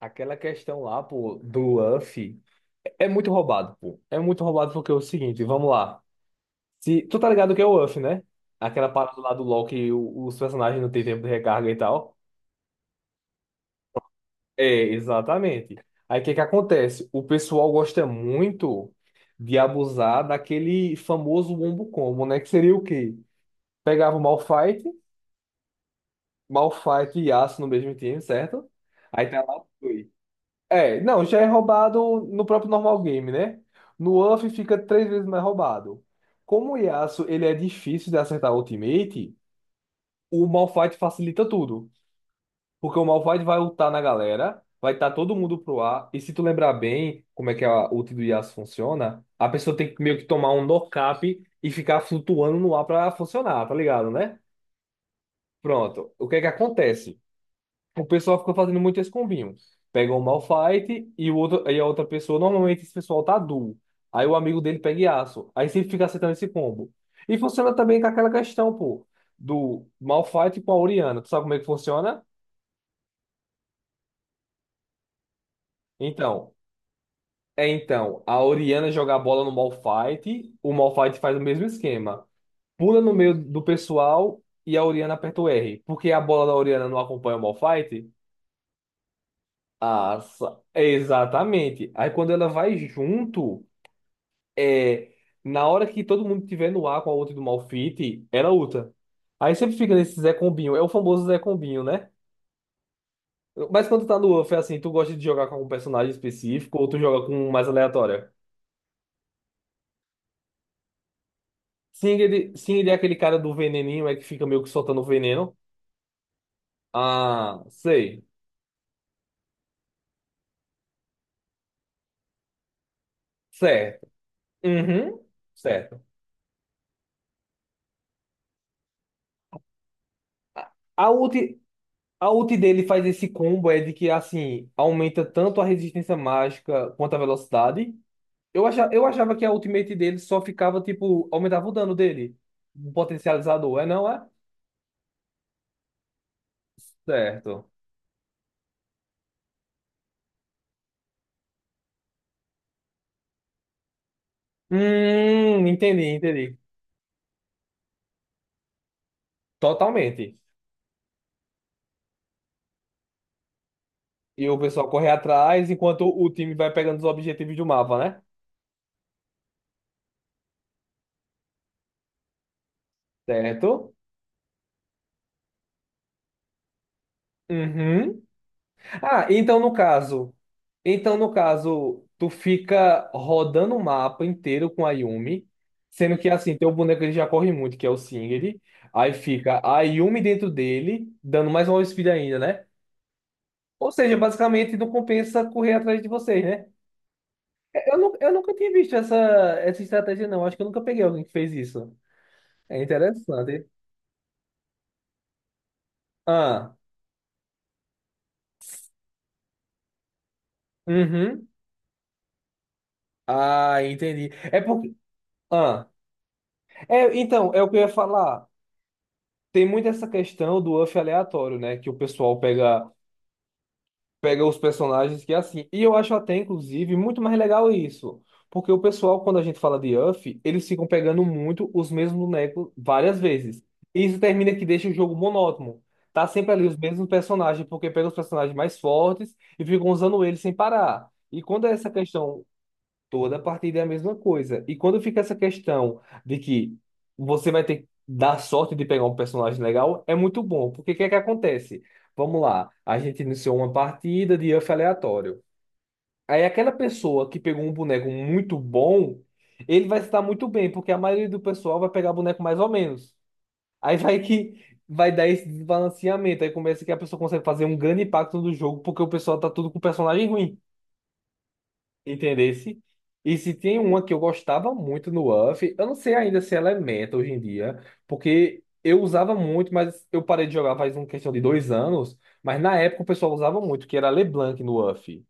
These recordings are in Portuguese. Aquela questão lá, pô, do UF é muito roubado, pô. É muito roubado porque é o seguinte, vamos lá. Se, tu tá ligado que é o UF, né? Aquela parada lá do LoL que os personagens não têm tempo de recarga e tal. É, exatamente. Aí o que que acontece? O pessoal gosta muito de abusar daquele famoso wombo combo, né? Que seria o quê? Pegava o Malphite, e Yasuo no mesmo time, certo? Aí tá lá os dois. É, não, já é roubado no próprio normal game, né? No UF fica três vezes mais roubado. Como o Yasuo ele é difícil de acertar ultimate, o Malphite facilita tudo. Porque o Malphite vai ultar na galera, vai estar todo mundo pro ar. E se tu lembrar bem como é que a ult do Yasuo funciona, a pessoa tem que meio que tomar um nocap e ficar flutuando no ar pra funcionar, tá ligado, né? Pronto. O que é que acontece? O pessoal fica fazendo muito esse combinho. Pega um Malphite e, o outro, e a outra pessoa, normalmente esse pessoal tá duo. Aí o amigo dele pega Yasuo. Aí sempre fica acertando esse combo. E funciona também com aquela questão, pô, do Malphite com a Orianna. Tu sabe como é que funciona? Então, então, a Orianna joga a bola no Malphite, o Malphite faz o mesmo esquema. Pula no meio do pessoal e a Orianna aperta o R. Porque a bola da Orianna não acompanha o Malphite? Ah, exatamente. Aí quando ela vai junto. é, na hora que todo mundo tiver no ar com a ult do Malphite, ela ulta. Aí sempre fica nesse Zé Combinho. É o famoso Zé Combinho, né? Mas quando tá no UF, é assim, tu gosta de jogar com algum personagem específico ou tu joga com um mais aleatório? Singed é aquele cara do veneninho, é que fica meio que soltando veneno. Ah, sei. Certo. Uhum. Certo. A a ult, a ult dele faz esse combo é de que, assim, aumenta tanto a resistência mágica quanto a velocidade. Eu achava que a ultimate dele só ficava, tipo, aumentava o dano dele. Um potencializador, é não é? Certo. Entendi, entendi. Totalmente. E o pessoal corre atrás enquanto o time vai pegando os objetivos do mapa, né? Certo? Uhum. Ah, então no caso. Então no caso, tu fica rodando o mapa inteiro com a Yumi, sendo que assim, teu boneco ele já corre muito, que é o Singed. Aí fica a Yumi dentro dele, dando mais uma speed ainda, né? Ou seja, basicamente não compensa correr atrás de vocês, né? Eu nunca tinha visto essa estratégia, não. Acho que eu nunca peguei alguém que fez isso. É interessante. Ah, uhum. Ah, entendi. É porque. Ah, é o que eu ia falar. Tem muito essa questão do UF aleatório, né? Que o pessoal pega os personagens que é assim. E eu acho até, inclusive, muito mais legal isso. Porque o pessoal, quando a gente fala de Uff, eles ficam pegando muito os mesmos bonecos várias vezes. E isso termina que deixa o jogo monótono. Tá sempre ali os mesmos personagens, porque pega os personagens mais fortes e ficam usando eles sem parar. E quando é essa questão Toda partida é a mesma coisa. E quando fica essa questão de que você vai ter que dar sorte de pegar um personagem legal, é muito bom. Porque o que é que acontece? Vamos lá, a gente iniciou uma partida de UF aleatório. Aí aquela pessoa que pegou um boneco muito bom, ele vai se dar muito bem, porque a maioria do pessoal vai pegar boneco mais ou menos. Aí vai que vai dar esse desbalanceamento. Aí começa que a pessoa consegue fazer um grande impacto no jogo, porque o pessoal tá tudo com personagem ruim. Entendesse? E se tem uma que eu gostava muito no UF, eu não sei ainda se ela é meta hoje em dia, porque eu usava muito, mas eu parei de jogar faz uma questão de 2 anos, mas na época o pessoal usava muito, que era a LeBlanc no UF.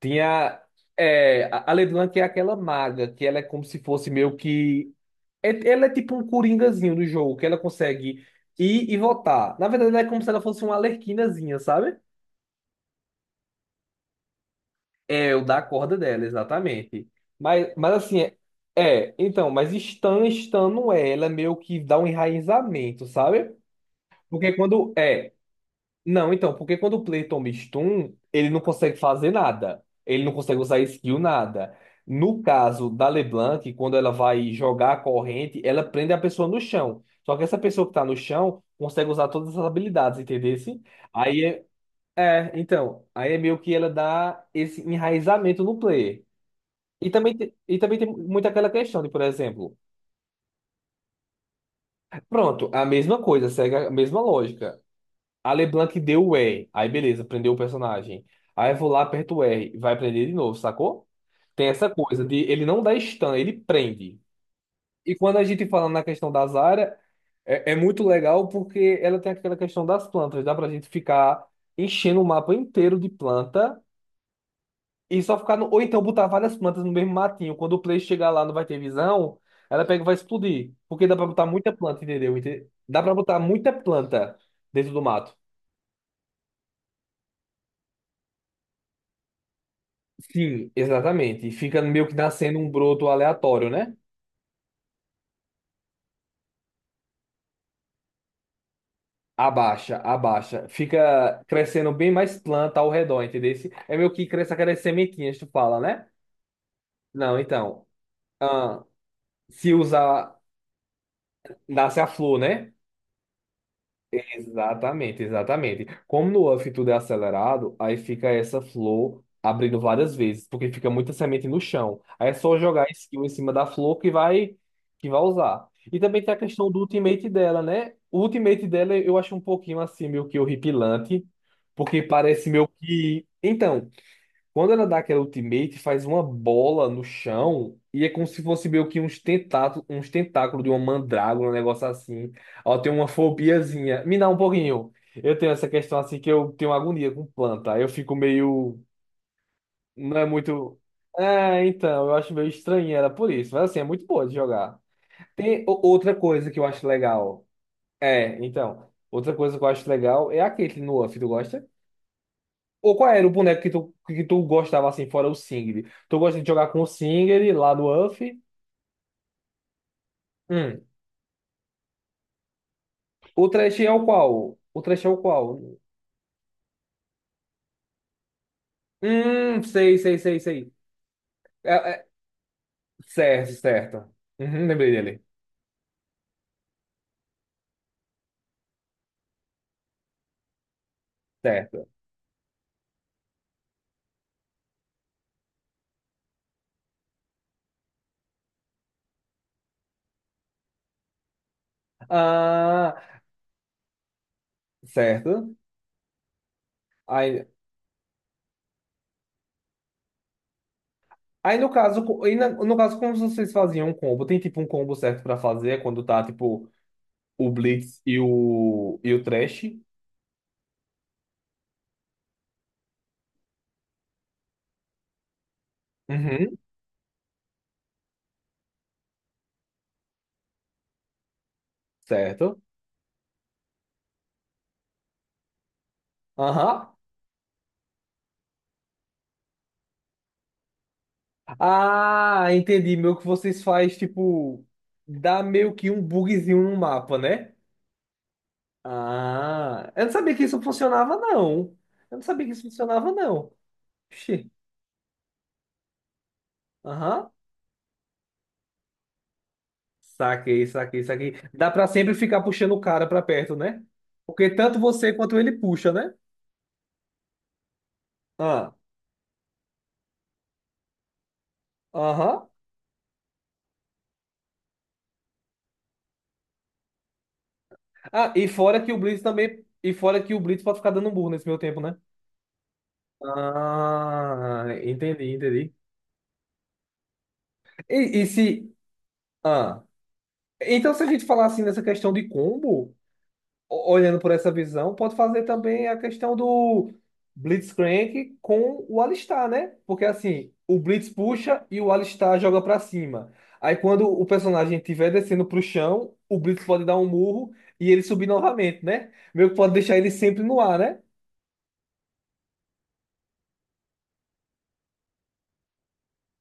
Tinha. É, a LeBlanc é aquela maga, que ela é como se fosse meio que. Ela é tipo um coringazinho do jogo, que ela consegue ir e voltar. Na verdade, ela é como se ela fosse uma arlequinazinha, sabe? É, o da corda dela, exatamente. Mas assim, Stan não é, ela é meio que dá um enraizamento, sabe? Porque quando, não, então, porque quando o Play toma stun, ele não consegue fazer nada, ele não consegue usar skill nada. No caso da LeBlanc, quando ela vai jogar a corrente, ela prende a pessoa no chão. Só que essa pessoa que tá no chão consegue usar todas as habilidades, entendeu? Aí é, aí é meio que ela dá esse enraizamento no player. E também tem muito aquela questão de, por exemplo, pronto, a mesma coisa, segue a mesma lógica. A LeBlanc deu o R, aí beleza, prendeu o personagem. Aí eu vou lá, aperto o R, vai prender de novo, sacou? Tem essa coisa de ele não dá stun, ele prende. E quando a gente fala na questão da Zarya, é muito legal porque ela tem aquela questão das plantas, dá pra gente ficar enchendo o mapa inteiro de planta. E só ficar no... Ou então botar várias plantas no mesmo matinho. Quando o Play chegar lá, não vai ter visão. Ela pega e vai explodir. Porque dá pra botar muita planta, entendeu? Dá pra botar muita planta dentro do mato. Sim, exatamente. Fica meio que nascendo um broto aleatório, né? Abaixa, abaixa. Fica crescendo bem mais planta ao redor, entendeu? É meio que cresce aquelas sementinhas, tu fala, né? Não, então. Ah, se usar. Nasce a flor, né? Exatamente, exatamente. Como no UF tudo é acelerado, aí fica essa flor abrindo várias vezes, porque fica muita semente no chão. Aí é só jogar a skill em cima da flor que vai usar. E também tem a questão do ultimate dela, né? O ultimate dela eu acho um pouquinho assim meio que horripilante, porque parece meio que então, quando ela dá aquela ultimate, faz uma bola no chão e é como se fosse meio que uns tentáculos de uma mandrágora, um negócio assim. Ó, eu tenho uma fobiazinha. Me dá um pouquinho. Eu tenho essa questão assim que eu tenho agonia com planta. Eu fico meio. Não é muito. É, então, eu acho meio estranho era por isso. Mas assim, é muito boa de jogar. Tem outra coisa que eu acho legal. É, então. Outra coisa que eu acho legal é a Caitlyn no Uff, tu gosta? Ou qual era o boneco que tu gostava assim, fora o Singed? Tu gosta de jogar com o Singed lá no UF? Hum. O trash é o qual? O trash é o qual? Sei, sei, sei, sei. É, é, certo, certo. Uhum, lembrei dele. Certo. Ah, certo. Aí, aí no caso, co- aí na- no caso, como vocês faziam um combo? Tem tipo um combo certo pra fazer quando tá tipo o Blitz e o Thresh? Uhum, certo. Aham. Ah, entendi. Meio que vocês faz, tipo, dá meio que um bugzinho no mapa, né? Ah, eu não sabia que isso funcionava, não. Eu não sabia que isso funcionava, não. Xi. Aham. Saquei, saquei, saquei. Dá pra sempre ficar puxando o cara pra perto, né? Porque tanto você quanto ele puxa, né? Ah, aham. Ah, e fora que o Blitz também. E fora que o Blitz pode ficar dando burro nesse meu tempo, né? Ah, entendi, entendi. E se. Ah. Então, se a gente falar assim nessa questão de combo, olhando por essa visão, pode fazer também a questão do Blitzcrank com o Alistar, né? Porque assim, o Blitz puxa e o Alistar joga pra cima. Aí quando o personagem estiver descendo pro chão, o Blitz pode dar um murro e ele subir novamente, né? Meio que pode deixar ele sempre no ar, né?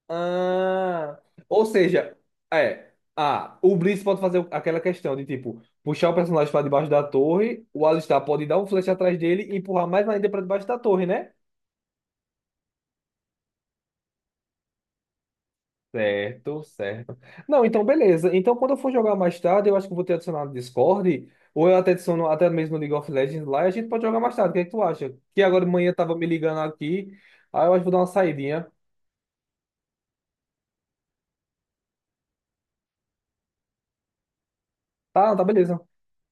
Ah, ou seja, é. Ah, o Blitz pode fazer aquela questão de tipo puxar o personagem para debaixo da torre, o Alistar pode dar um flash atrás dele e empurrar mais ainda para debaixo da torre, né? Certo, certo. Não, então beleza. Então quando eu for jogar mais tarde, eu acho que eu vou ter adicionado no Discord, ou eu até adiciono até mesmo no League of Legends lá e a gente pode jogar mais tarde. O que é que tu acha? Que agora de manhã tava me ligando aqui, aí eu acho que vou dar uma saidinha. Tá, tá beleza.